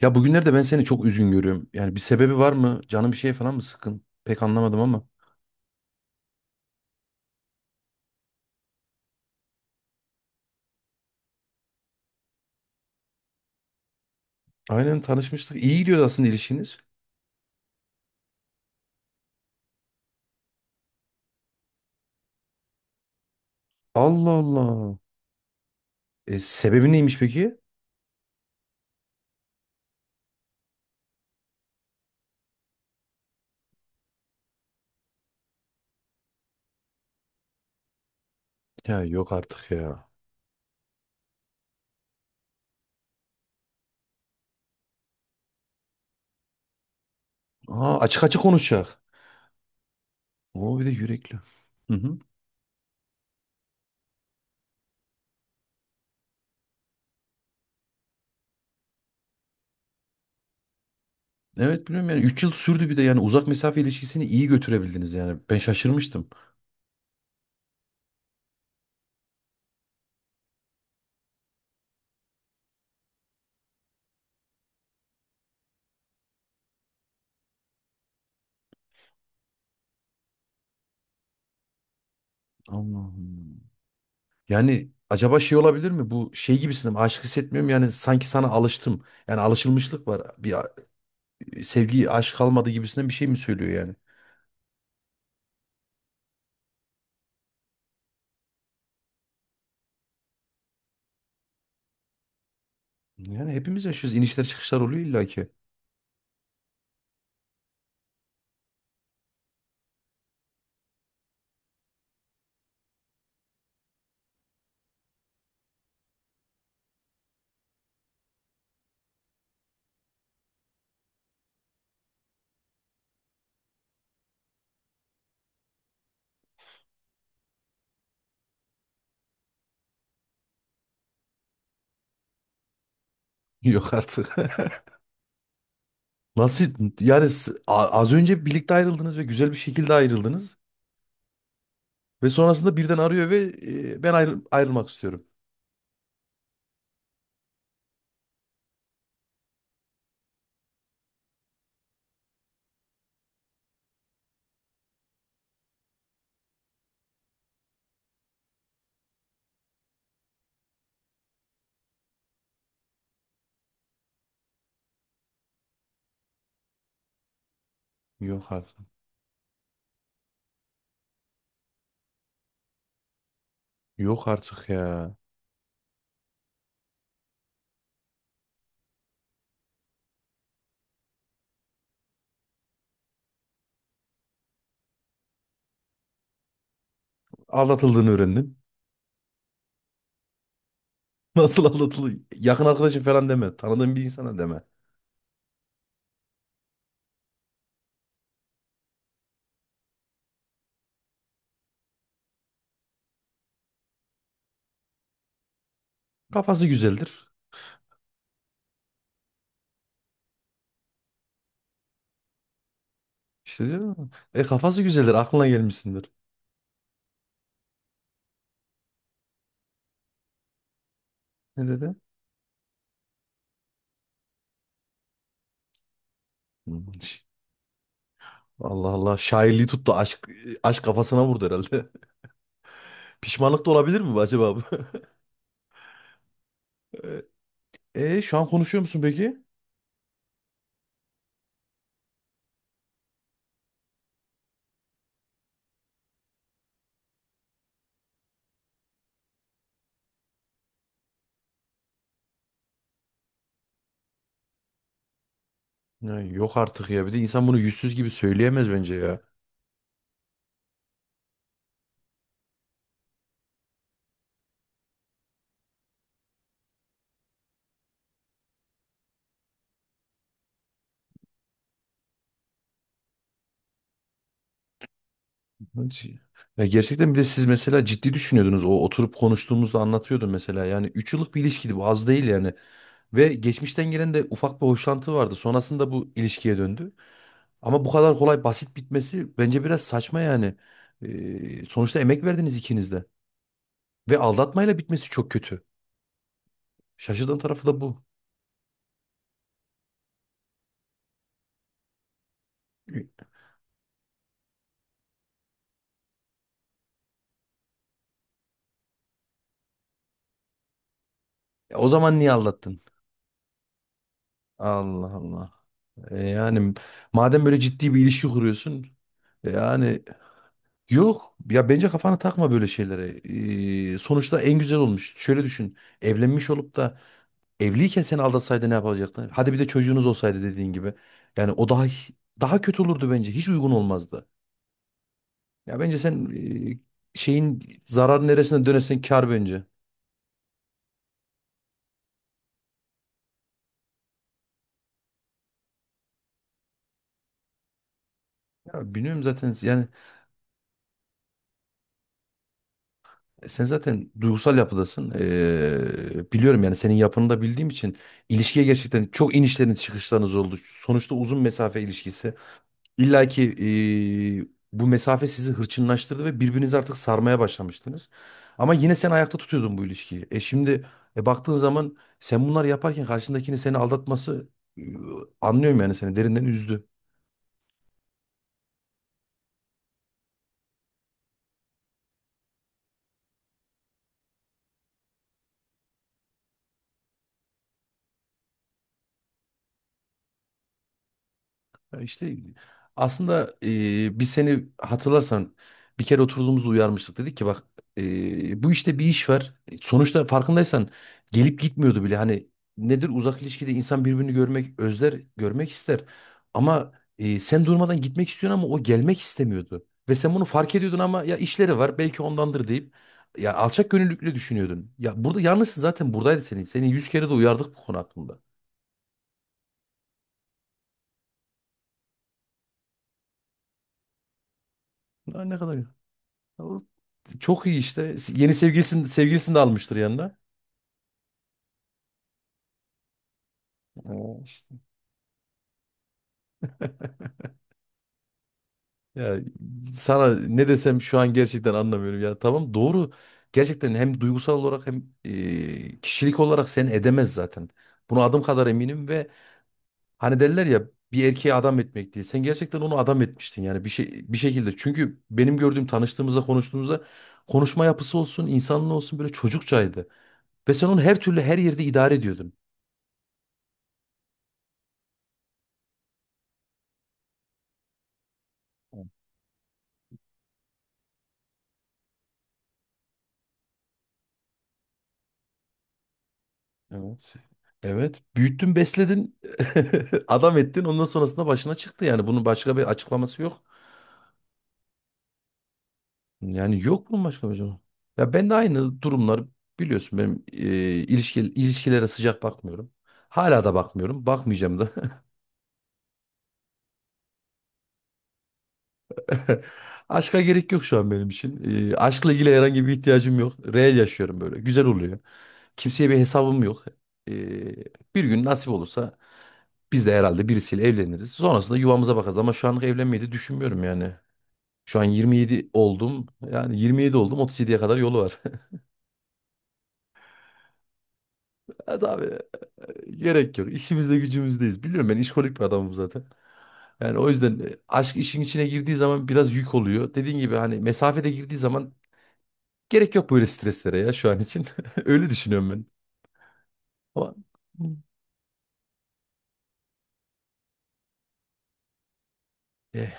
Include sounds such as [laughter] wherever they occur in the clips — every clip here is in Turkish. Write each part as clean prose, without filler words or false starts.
Ya bugünlerde ben seni çok üzgün görüyorum. Yani bir sebebi var mı? Canın bir şeye falan mı sıkın? Pek anlamadım ama. Aynen, tanışmıştık. İyi gidiyordu aslında ilişkiniz. Allah Allah. Sebebi neymiş peki? Ya yok artık ya. Açık açık konuşacak. O bir de yürekli. Hı hı. Evet biliyorum, yani 3 yıl sürdü, bir de yani uzak mesafe ilişkisini iyi götürebildiniz yani. Ben şaşırmıştım. Allah'ım. Yani acaba şey olabilir mi? Bu şey gibisinden aşk hissetmiyorum yani, sanki sana alıştım. Yani alışılmışlık var. Bir sevgi, aşk kalmadı gibisinden bir şey mi söylüyor yani? Yani hepimiz yaşıyoruz. İnişler çıkışlar oluyor illa ki. [laughs] Yok artık. [laughs] Nasıl yani, az önce birlikte ayrıldınız ve güzel bir şekilde ayrıldınız ve sonrasında birden arıyor ve ben ayrılmak istiyorum. Yok artık. Yok artık ya. Aldatıldığını öğrendin. [laughs] Nasıl aldatıldı? Yakın arkadaşın falan deme. Tanıdığın bir insana deme. Kafası güzeldir. İşte diyorum ama, e kafası güzeldir. Aklına gelmişsindir. Ne dedi? Hmm. Allah Allah. Şairliği tuttu. Aşk kafasına vurdu herhalde. [laughs] Pişmanlık da olabilir mi bu acaba bu? [laughs] Şu an konuşuyor musun peki? Ya, yok artık ya. Bir de insan bunu yüzsüz gibi söyleyemez bence ya. Hadi. Ya gerçekten bir de siz mesela ciddi düşünüyordunuz. O oturup konuştuğumuzda anlatıyordun mesela. Yani 3 yıllık bir ilişkiydi bu, az değil yani. Ve geçmişten gelen de ufak bir hoşlantı vardı. Sonrasında bu ilişkiye döndü. Ama bu kadar kolay basit bitmesi bence biraz saçma yani. Sonuçta emek verdiniz ikiniz de. Ve aldatmayla bitmesi çok kötü. Şaşırdığım tarafı da bu. E, O zaman niye aldattın? Allah Allah. Yani madem böyle ciddi bir ilişki kuruyorsun. Yani yok. Ya bence kafana takma böyle şeylere. Sonuçta en güzel olmuş. Şöyle düşün. Evlenmiş olup da evliyken seni aldatsaydı ne yapacaktın? Hadi bir de çocuğunuz olsaydı dediğin gibi. Yani o daha kötü olurdu bence. Hiç uygun olmazdı. Ya bence sen e, şeyin zarar neresine dönesen kar bence. Ya bilmiyorum zaten yani. Sen zaten duygusal yapıdasın. Biliyorum yani, senin yapını da bildiğim için ilişkiye gerçekten çok inişleriniz çıkışlarınız oldu. Sonuçta uzun mesafe ilişkisi. İlla ki ee, bu mesafe sizi hırçınlaştırdı ve birbirinizi artık sarmaya başlamıştınız. Ama yine sen ayakta tutuyordun bu ilişkiyi. E şimdi baktığın zaman, sen bunları yaparken karşındakinin seni aldatması, e, anlıyorum, yani seni derinden üzdü. Ya İşte aslında biz seni hatırlarsan bir kere oturduğumuzda uyarmıştık. Dedik ki bak, bu işte bir iş var. Sonuçta farkındaysan gelip gitmiyordu bile. Hani nedir, uzak ilişkide insan birbirini görmek, özler, görmek ister. Ama sen durmadan gitmek istiyorsun ama o gelmek istemiyordu. Ve sen bunu fark ediyordun ama ya işleri var belki ondandır deyip ya alçak gönüllülükle düşünüyordun. Ya burada yalnızsın, zaten buradaydı senin. Seni 100 kere de uyardık bu konu hakkında. Daha ne kadar. O. Çok iyi işte. Yeni sevgilisini de almıştır yanına. İşte. Ya sana ne desem şu an gerçekten anlamıyorum. Ya tamam, doğru. Gerçekten hem duygusal olarak hem kişilik olarak seni edemez zaten. Buna adım kadar eminim ve hani derler ya, bir erkeğe adam etmek diye. Sen gerçekten onu adam etmiştin yani bir şey bir şekilde. Çünkü benim gördüğüm, tanıştığımızda konuştuğumuzda, konuşma yapısı olsun, insanlığı olsun böyle çocukçaydı. Ve sen onu her türlü her yerde idare ediyordun. Evet. Evet. Büyüttün, besledin, [laughs] adam ettin. Ondan sonrasında başına çıktı yani. Bunun başka bir açıklaması yok. Yani yok bunun başka bir açıklaması. Ya ben de aynı durumlar, biliyorsun benim ilişkilere sıcak bakmıyorum. Hala da bakmıyorum. Bakmayacağım da. [laughs] [laughs] Aşka gerek yok şu an benim için. Aşkla ilgili herhangi bir ihtiyacım yok. Reel yaşıyorum böyle. Güzel oluyor. Kimseye bir hesabım yok. Ee, Bir gün nasip olursa biz de herhalde birisiyle evleniriz. Sonrasında yuvamıza bakarız ama şu anlık evlenmeyi de düşünmüyorum yani. Şu an 27 oldum. Yani 27 oldum, 37'ye kadar yolu var. [laughs] Evet abi, gerek yok. İşimizde gücümüzdeyiz. Biliyorum, ben işkolik bir adamım zaten. Yani o yüzden aşk işin içine girdiği zaman biraz yük oluyor. Dediğin gibi, hani mesafede girdiği zaman. Gerek yok böyle streslere ya şu an için. [laughs] Öyle düşünüyorum ben. Ama e,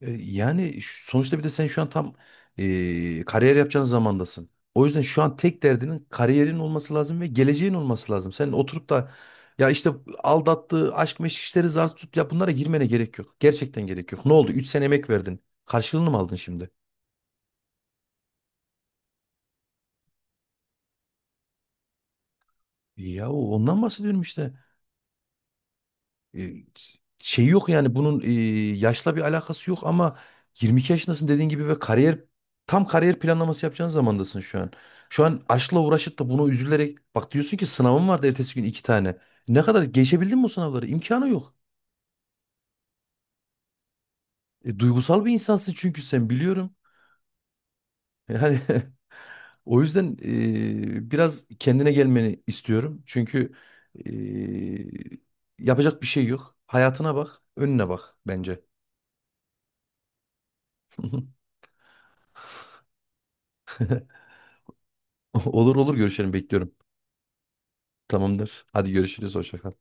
yani sonuçta bir de sen şu an tam kariyer yapacağın zamandasın. O yüzden şu an tek derdinin kariyerin olması lazım ve geleceğin olması lazım. Sen oturup da ya işte aldattığı aşk meşk işleri zar tut ya, bunlara girmene gerek yok. Gerçekten gerek yok. Ne oldu? 3 sene emek verdin. Karşılığını mı aldın şimdi? Ya ondan bahsediyorum işte. E, Şey yok yani, bunun yaşla bir alakası yok ama 22 yaşındasın dediğin gibi ve tam kariyer planlaması yapacağın zamandasın şu an. Şu an aşkla uğraşıp da bunu üzülerek bak, diyorsun ki sınavım vardı ertesi gün 2 tane. Ne kadar geçebildin mi o sınavları? İmkanı yok. Duygusal bir insansın çünkü sen, biliyorum. Yani [laughs] o yüzden biraz kendine gelmeni istiyorum. Çünkü e, yapacak bir şey yok. Hayatına bak, önüne bak bence. [laughs] Olur olur, görüşelim, bekliyorum. Tamamdır. Hadi görüşürüz. Hoşça kal.